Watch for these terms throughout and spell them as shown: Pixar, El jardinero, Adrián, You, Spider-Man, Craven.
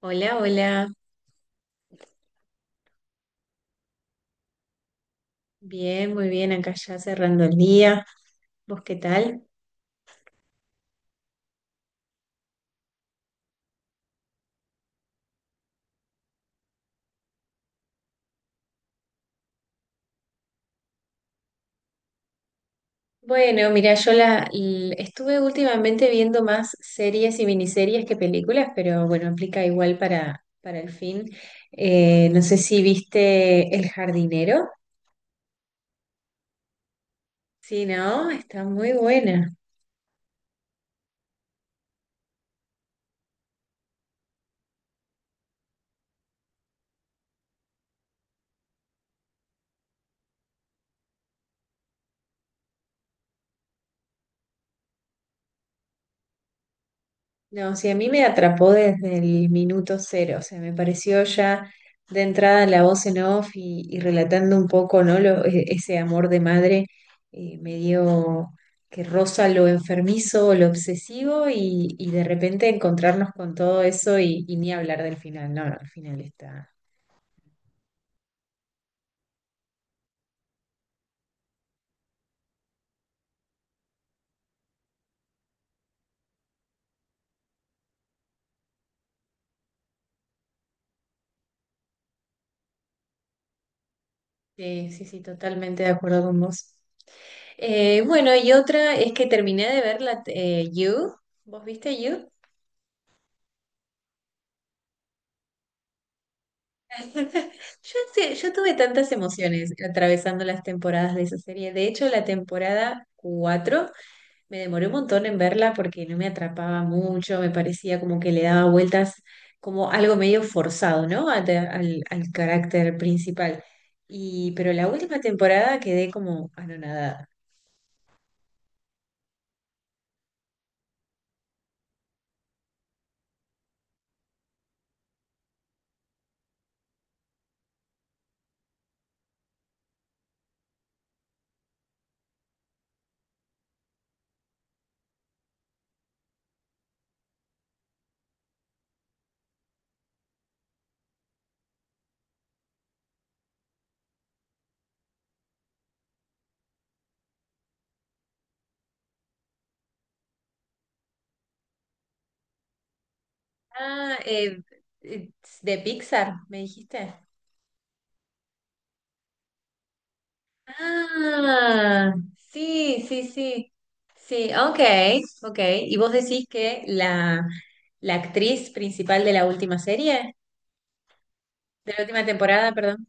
Hola, hola. Bien, muy bien. Acá ya cerrando el día. ¿Vos qué tal? Bueno, mira, yo estuve últimamente viendo más series y miniseries que películas, pero bueno, aplica igual para el fin. No sé si viste El jardinero. Sí, ¿no? Está muy buena. No, sí, a mí me atrapó desde el minuto cero, o sea, me pareció ya de entrada la voz en off y relatando un poco, ¿no? Ese amor de madre, medio que roza lo enfermizo, lo obsesivo y de repente encontrarnos con todo eso, y ni hablar del final. No, no, el final está. Sí, sí, sí, totalmente de acuerdo con vos. Bueno, y otra es que terminé de ver la You. ¿Vos viste You? Yo tuve tantas emociones atravesando las temporadas de esa serie. De hecho, la temporada 4 me demoré un montón en verla porque no me atrapaba mucho, me parecía como que le daba vueltas como algo medio forzado, ¿no? Al carácter principal. Pero la última temporada quedé como anonadada. Ah, eh, de Pixar, me dijiste. Ah, sí, sí, sí. Sí, ok, ok. ¿Y vos decís que la actriz principal de la última serie, de la última temporada, perdón?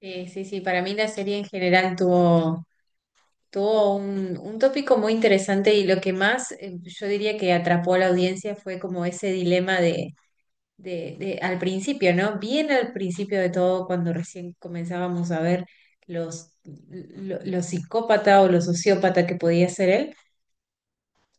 Sí, sí, sí. Para mí la serie en general tuvo un tópico muy interesante y lo que más, yo diría que atrapó a la audiencia fue como ese dilema al principio, ¿no? Bien al principio de todo, cuando recién comenzábamos a ver los psicópata o los sociópata que podía ser él,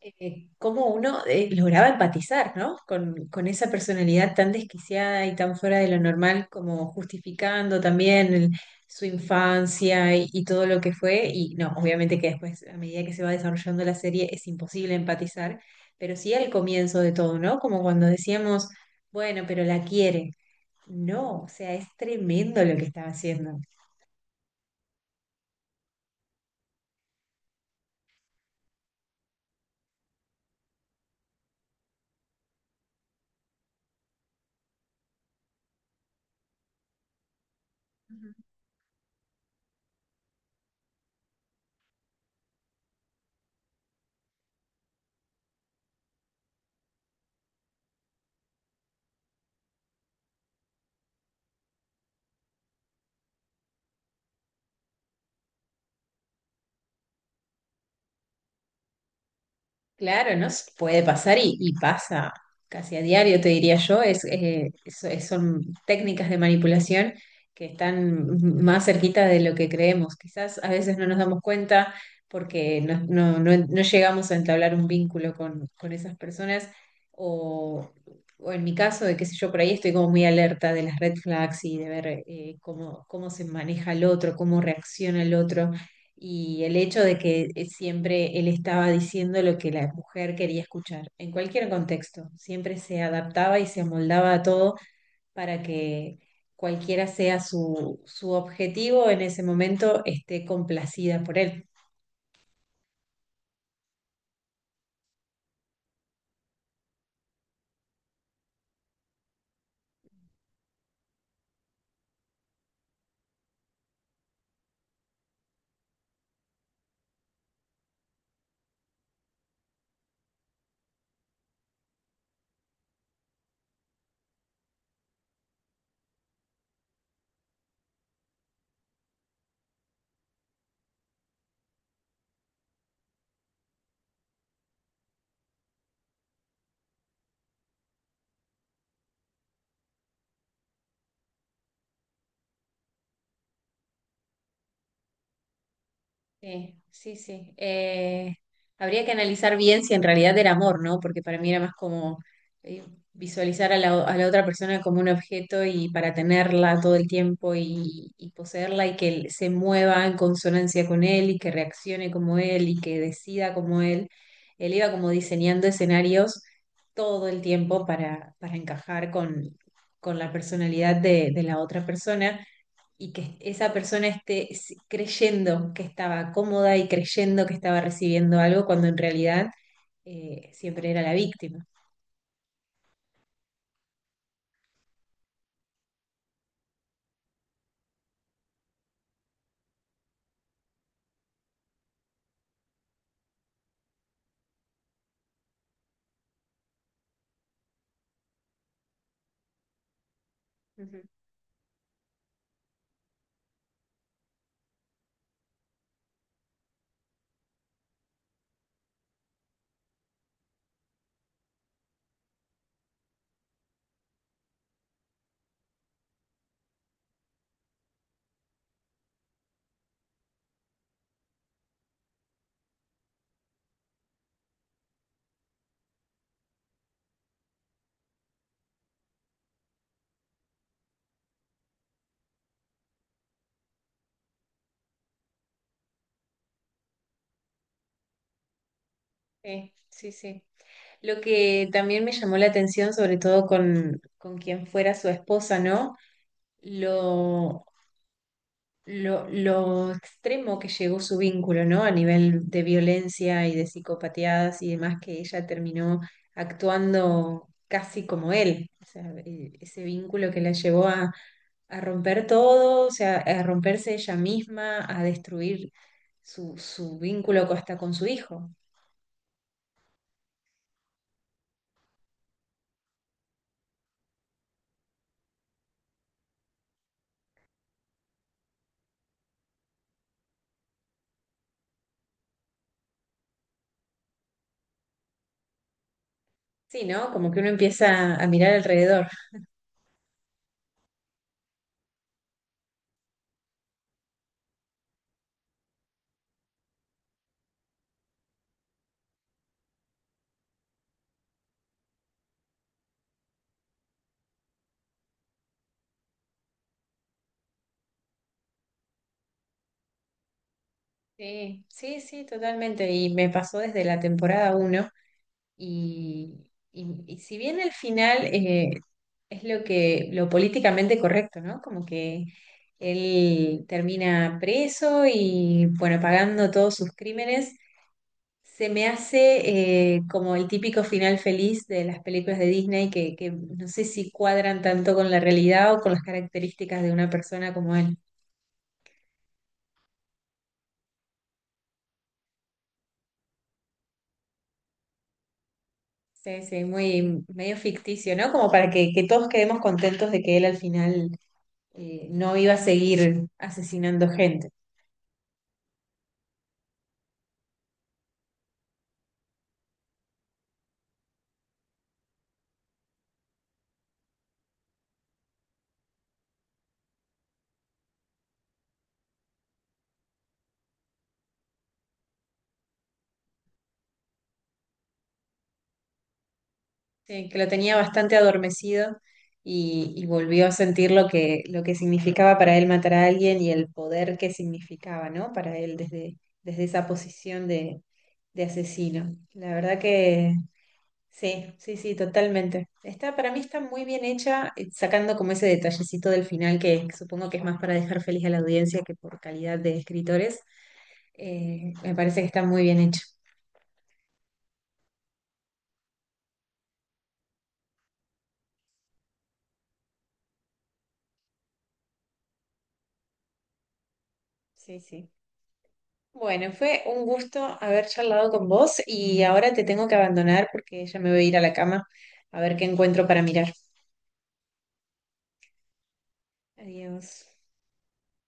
cómo uno, lograba empatizar, ¿no? Con esa personalidad tan desquiciada y tan fuera de lo normal, como justificando también su infancia y todo lo que fue. Y no, obviamente que después, a medida que se va desarrollando la serie, es imposible empatizar, pero sí al comienzo de todo, ¿no? Como cuando decíamos. Bueno, pero la quiere. No, o sea, es tremendo lo que están haciendo. Claro, no S- puede pasar y pasa casi a diario, te diría yo. Son técnicas de manipulación que están más cerquita de lo que creemos. Quizás a veces no nos damos cuenta porque no llegamos a entablar un vínculo con esas personas. O, o en mi caso, de qué sé yo, por ahí estoy como muy alerta de las red flags y de ver, cómo se maneja el otro, cómo reacciona el otro y el hecho de que, siempre él estaba diciendo lo que la mujer quería escuchar, en cualquier contexto, siempre se adaptaba y se amoldaba a todo para que cualquiera sea su objetivo en ese momento esté complacida por él. Sí, sí, sí. Habría que analizar bien si en realidad era amor, ¿no? Porque para mí era más como, eh, visualizar a la otra persona como un objeto y para tenerla todo el tiempo, y poseerla y que él se mueva en consonancia con él y que reaccione como él y que decida como él. Él iba como diseñando escenarios todo el tiempo para encajar con la personalidad de la otra persona y que esa persona esté creyendo que estaba cómoda y creyendo que estaba recibiendo algo cuando en realidad, siempre era la víctima. Ujú. Sí, sí, sí. Lo que también me llamó la atención, sobre todo con quien fuera su esposa, ¿no? Lo, lo extremo que llegó su vínculo, ¿no? A nivel de violencia y de psicopatías y demás, que ella terminó actuando casi como él. O sea, ese vínculo que la llevó a romper todo, o sea, a romperse ella misma, a destruir su vínculo hasta con su hijo. Sí, ¿no? Como que uno empieza a mirar alrededor. Sí, sí, sí, totalmente. Y me pasó desde la temporada uno, y si bien el final, es lo políticamente correcto, ¿no? Como que él termina preso y, bueno, pagando todos sus crímenes. Se me hace, como el típico final feliz de las películas de Disney que no sé si cuadran tanto con la realidad o con las características de una persona como él. Sí, sí, muy medio ficticio, ¿no? Como para que todos quedemos contentos de que él al final, no iba a seguir asesinando gente. Sí, que lo tenía bastante adormecido y volvió a sentir lo que significaba para él matar a alguien y el poder que significaba, ¿no? Para él desde esa posición de asesino. La verdad que sí, sí, sí, totalmente. Para mí está muy bien hecha, sacando como ese detallecito del final que supongo que es más para dejar feliz a la audiencia que por calidad de escritores. Me parece que está muy bien hecho. Sí, sí. Bueno, fue un gusto haber charlado con vos y ahora te tengo que abandonar porque ya me voy a ir a la cama a ver qué encuentro para mirar. Adiós.